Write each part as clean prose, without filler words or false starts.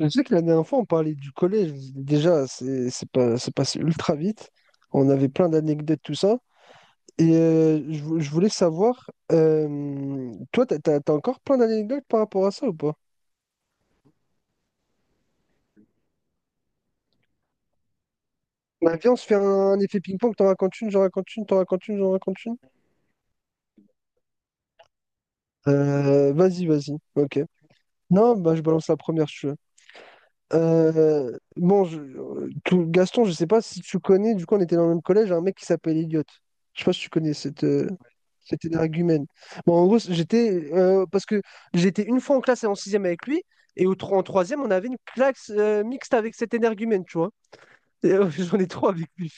Je sais que la dernière fois, on parlait du collège. Déjà, c'est pas, c'est passé ultra vite. On avait plein d'anecdotes, tout ça. Et je voulais savoir, toi, t'as encore plein d'anecdotes par rapport à ça ou pas? Bah, viens, on se fait effet ping-pong. T'en racontes une, j'en raconte une, t'en racontes une, j'en raconte une. Vas-y, vas-y. Ok. Non, bah, je balance la première. Bon, Gaston, je sais pas si tu connais, du coup, on était dans le même collège, un mec qui s'appelle Elliot. Je sais pas si tu connais cet énergumène. Bon, en gros, j'étais. Parce que j'étais une fois en classe en sixième avec lui, et en troisième, on avait une classe mixte avec cet énergumène, tu vois. J'en ai trop avec lui.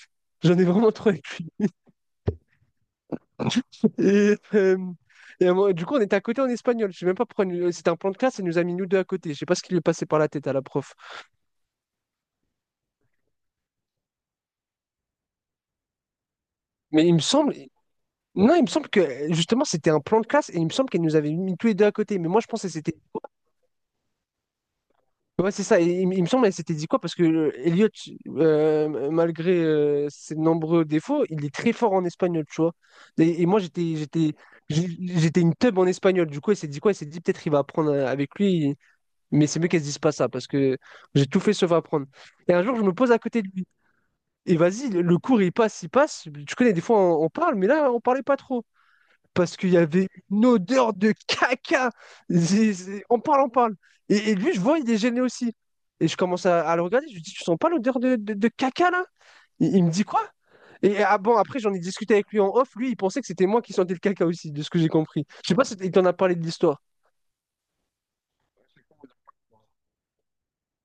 J'en ai vraiment trop avec lui. Et, euh, du coup, on était à côté en espagnol. Je sais même pas pourquoi. C'était un plan de classe, et elle nous a mis nous deux à côté. Je sais pas ce qui lui est passé par la tête à la prof. Mais il me semble. Non, il me semble que justement c'était un plan de classe et il me semble qu'elle nous avait mis tous les deux à côté. Mais moi je pensais que c'était. Ouais, c'est ça. Et il me semble qu'elle s'était dit quoi? Parce que Elliot, malgré ses nombreux défauts, il est très fort en espagnol, tu vois. Et moi j'étais une teub en espagnol. Du coup, elle s'est dit quoi? Elle s'est dit peut-être il va apprendre avec lui. Mais c'est mieux qu'elle se dise pas ça parce que j'ai tout fait sauf apprendre. Et un jour je me pose à côté de lui. Et vas-y, le cours il passe, il passe. Tu connais, des fois on parle, mais là on parlait pas trop, parce qu'il y avait une odeur de caca. On parle, on parle. Et lui, je vois, il est gêné aussi. Et je commence à le regarder, je lui dis, tu sens pas l'odeur de caca là? Il me dit quoi? Et ah bon, après j'en ai discuté avec lui en off, lui il pensait que c'était moi qui sentais le caca aussi, de ce que j'ai compris. Je sais pas si il t'en a parlé de l'histoire.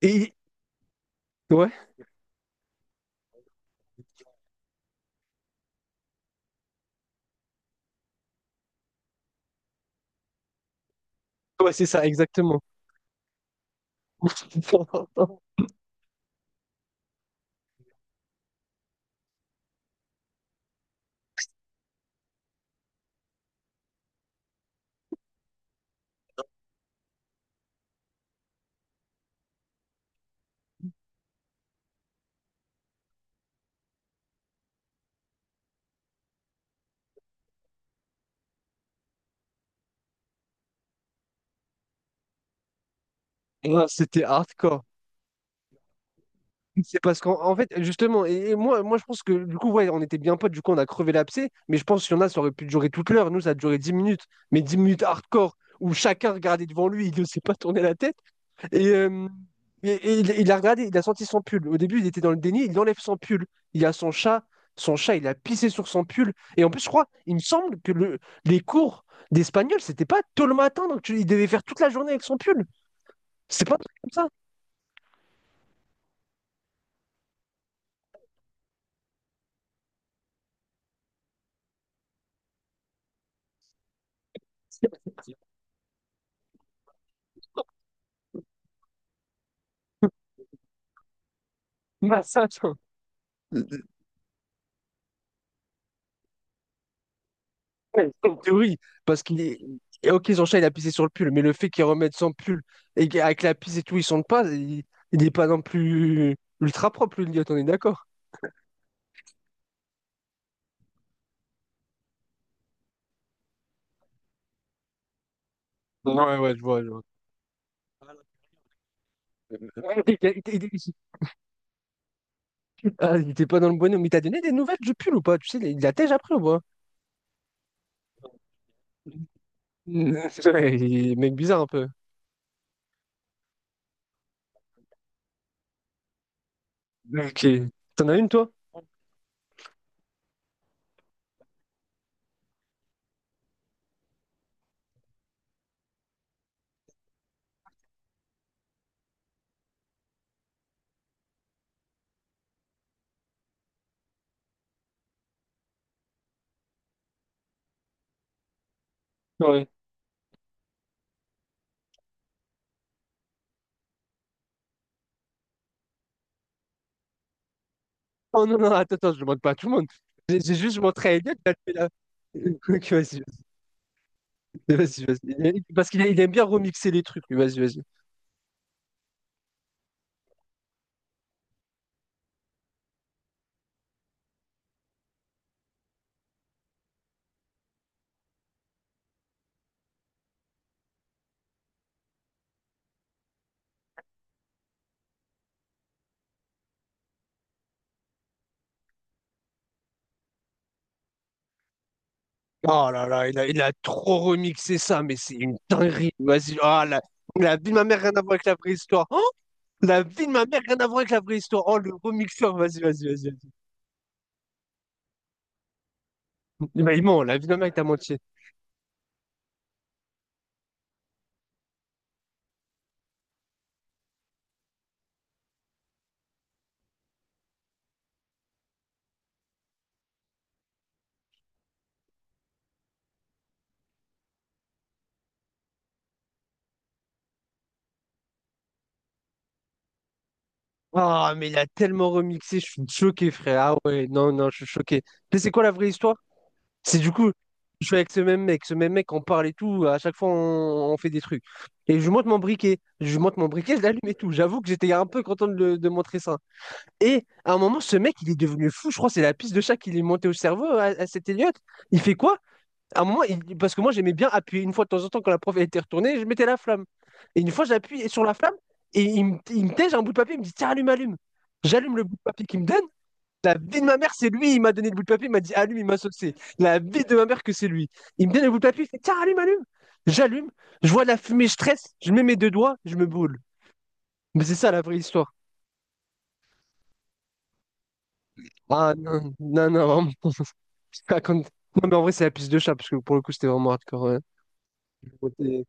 Et ouais, ouais, c'est ça, exactement. Ah, c'était hardcore. C'est parce qu'en fait, justement, et moi, moi je pense que du coup, ouais, on était bien potes, du coup, on a crevé l'abcès, mais je pense qu'il y en a, ça aurait pu durer toute l'heure. Nous, ça a duré 10 minutes, mais 10 minutes hardcore, où chacun regardait devant lui, il ne s'est pas tourné la tête. Et, euh, il a regardé, il a senti son pull. Au début, il était dans le déni, il enlève son pull. Il y a son chat, il a pissé sur son pull. Et en plus, je crois, il me semble que les cours d'espagnol, c'était pas tôt le matin, donc il devait faire toute la journée avec son pull. C'est pas un truc comme ça. Bah, ouais, en théorie, parce qu'il est. Et ok, son chat, il a pissé sur le pull, mais le fait qu'il remette son pull et qu'avec la pisse et tout, il sente pas, il n'est pas non plus ultra propre, le Elliot, on est d'accord. Ouais, il était pas dans le bonhomme. Mais t'as donné des nouvelles du pull ou pas? Tu sais, il la tège après ou pas? Ouais, il est mec bizarre un peu. Ok. T'en as une, toi? Ouais. Oh non, non, attends, attends, je demande pas à tout le monde. J'ai juste montré à Elliot, il a fait. Ok, vas-y, vas-y, vas-y. Vas-y. Parce qu'il aime bien remixer les trucs, lui, vas-y, vas-y. Oh là là, il a trop remixé ça, mais c'est une dinguerie. Vas-y, ah, la vie de ma mère, rien à voir avec la préhistoire. Oh, la vie de ma mère, rien à voir avec la préhistoire. Oh, le remixeur, vas-y, vas-y, vas-y. Vas-y. Bah, il ment, la vie de ma mère, il t'a menti. Ah, mais il a tellement remixé, je suis choqué, frère. Ah ouais, non, non, je suis choqué. Mais c'est quoi la vraie histoire? C'est du coup, je suis avec ce même mec, on parle et tout, à chaque fois on fait des trucs. Et je monte mon briquet, je l'allume et tout. J'avoue que j'étais un peu content de montrer ça. Et à un moment, ce mec, il est devenu fou, je crois, c'est la piste de chat qui lui est montée au cerveau à cet Elliot. Il fait quoi? À un moment, parce que moi j'aimais bien appuyer une fois de temps en temps quand la prof elle était retournée, je mettais la flamme. Et une fois, j'appuie sur la flamme et il me tège un bout de papier, il me dit, tiens, allume, allume. J'allume le bout de papier qu'il me donne. La vie de ma mère, c'est lui, il m'a donné le bout de papier, il m'a dit allume, il m'a saucé. La vie de ma mère que c'est lui. Il me donne le bout de papier, il fait tiens, allume, allume. J'allume, je vois la fumée, je stresse, je mets mes deux doigts, je me brûle. Mais c'est ça la vraie histoire. Ah non, non, non, vraiment. Je raconte- Non, mais en vrai, c'est la piste de chat, parce que pour le coup, c'était vraiment hardcore. Ouais. Côté-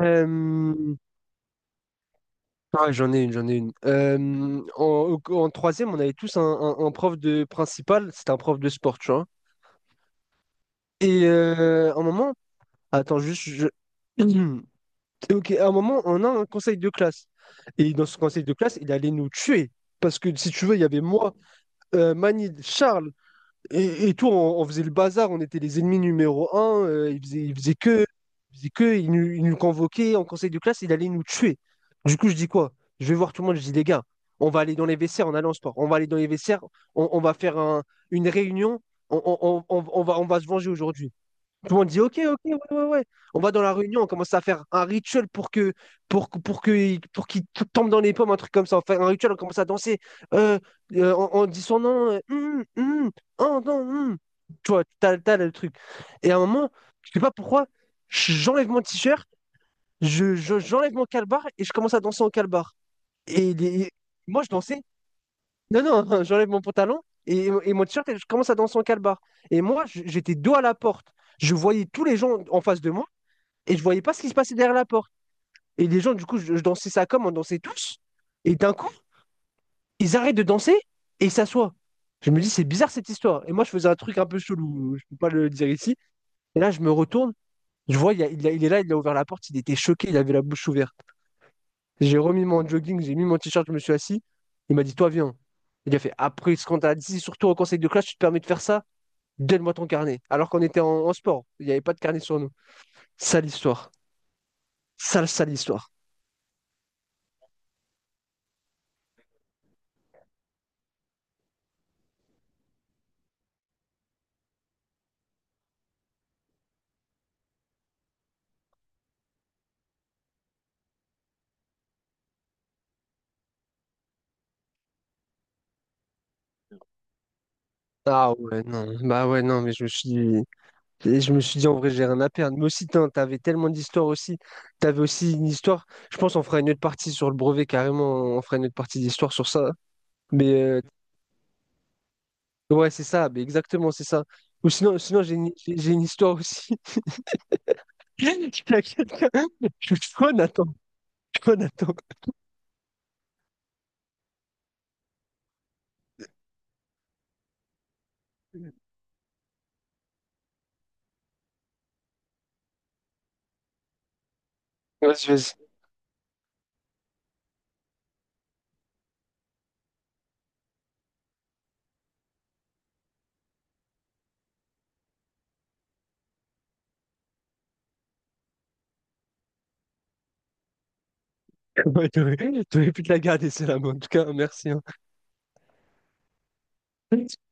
Euh, J'en ai une, j'en ai une. En troisième, on avait tous un prof de principal, c'était un prof de sport, tu vois. Et un moment, attends, juste, Ok, à un moment, on a un conseil de classe. Et dans ce conseil de classe, il allait nous tuer. Parce que si tu veux, il y avait moi, Manid, Charles et tout. On faisait le bazar, on était les ennemis numéro un. Il faisait que, il nous convoquait en conseil de classe, il allait nous tuer. Du coup, je dis quoi? Je vais voir tout le monde, je dis les gars, on va aller dans les vestiaires en allant au sport. On va aller dans les vestiaires, on va faire une réunion, on va se venger aujourd'hui. Tout le monde dit ok, ok, ouais, ouais, ouais. On va dans la réunion, on commence à faire un rituel pour qu'il tombe dans les pommes, un truc comme ça. On fait un rituel, on commence à danser. Euh, on dit son nom. Oh non. Tu vois, t'as le truc. Et à un moment, je sais pas pourquoi, j'enlève mon t-shirt, j'enlève mon calbar et je commence à danser en calbar. Et les- moi, je dansais, non, non, j'enlève mon pantalon et mon t-shirt et je commence à danser en calbar. Et moi, j'étais dos à la porte. Je voyais tous les gens en face de moi et je voyais pas ce qui se passait derrière la porte. Et les gens, du coup, je dansais ça comme on dansait tous. Et d'un coup, ils arrêtent de danser et ils s'assoient. Je me dis, c'est bizarre cette histoire. Et moi, je faisais un truc un peu chelou, je peux pas le dire ici. Et là, je me retourne, je vois, il est là, il a ouvert la porte, il était choqué, il avait la bouche ouverte. J'ai remis mon jogging, j'ai mis mon t-shirt, je me suis assis. Il m'a dit, toi, viens. Il a fait, après ce qu'on t'a dit, surtout en conseil de classe, tu te permets de faire ça? Donne-moi ton carnet. Alors qu'on était en sport, il n'y avait pas de carnet sur nous. Sale histoire. Sale, sale histoire. Ah ouais, non. Bah ouais, non, mais je me suis dit, en vrai, j'ai rien à perdre. Mais aussi, tain, t'avais tellement d'histoires aussi. T'avais aussi une histoire. Je pense qu'on fera une autre partie sur le brevet, carrément. On fera une autre partie d'histoire sur ça. Mais ouais, c'est ça. Mais exactement, c'est ça. Ou sinon j'ai une histoire aussi. T'inquiète, je suis Jonathan, Jonathan. Vas-y, vas-y. Ouais, t'aurais pu te la garder, celle-là, mais en tout cas, merci, hein.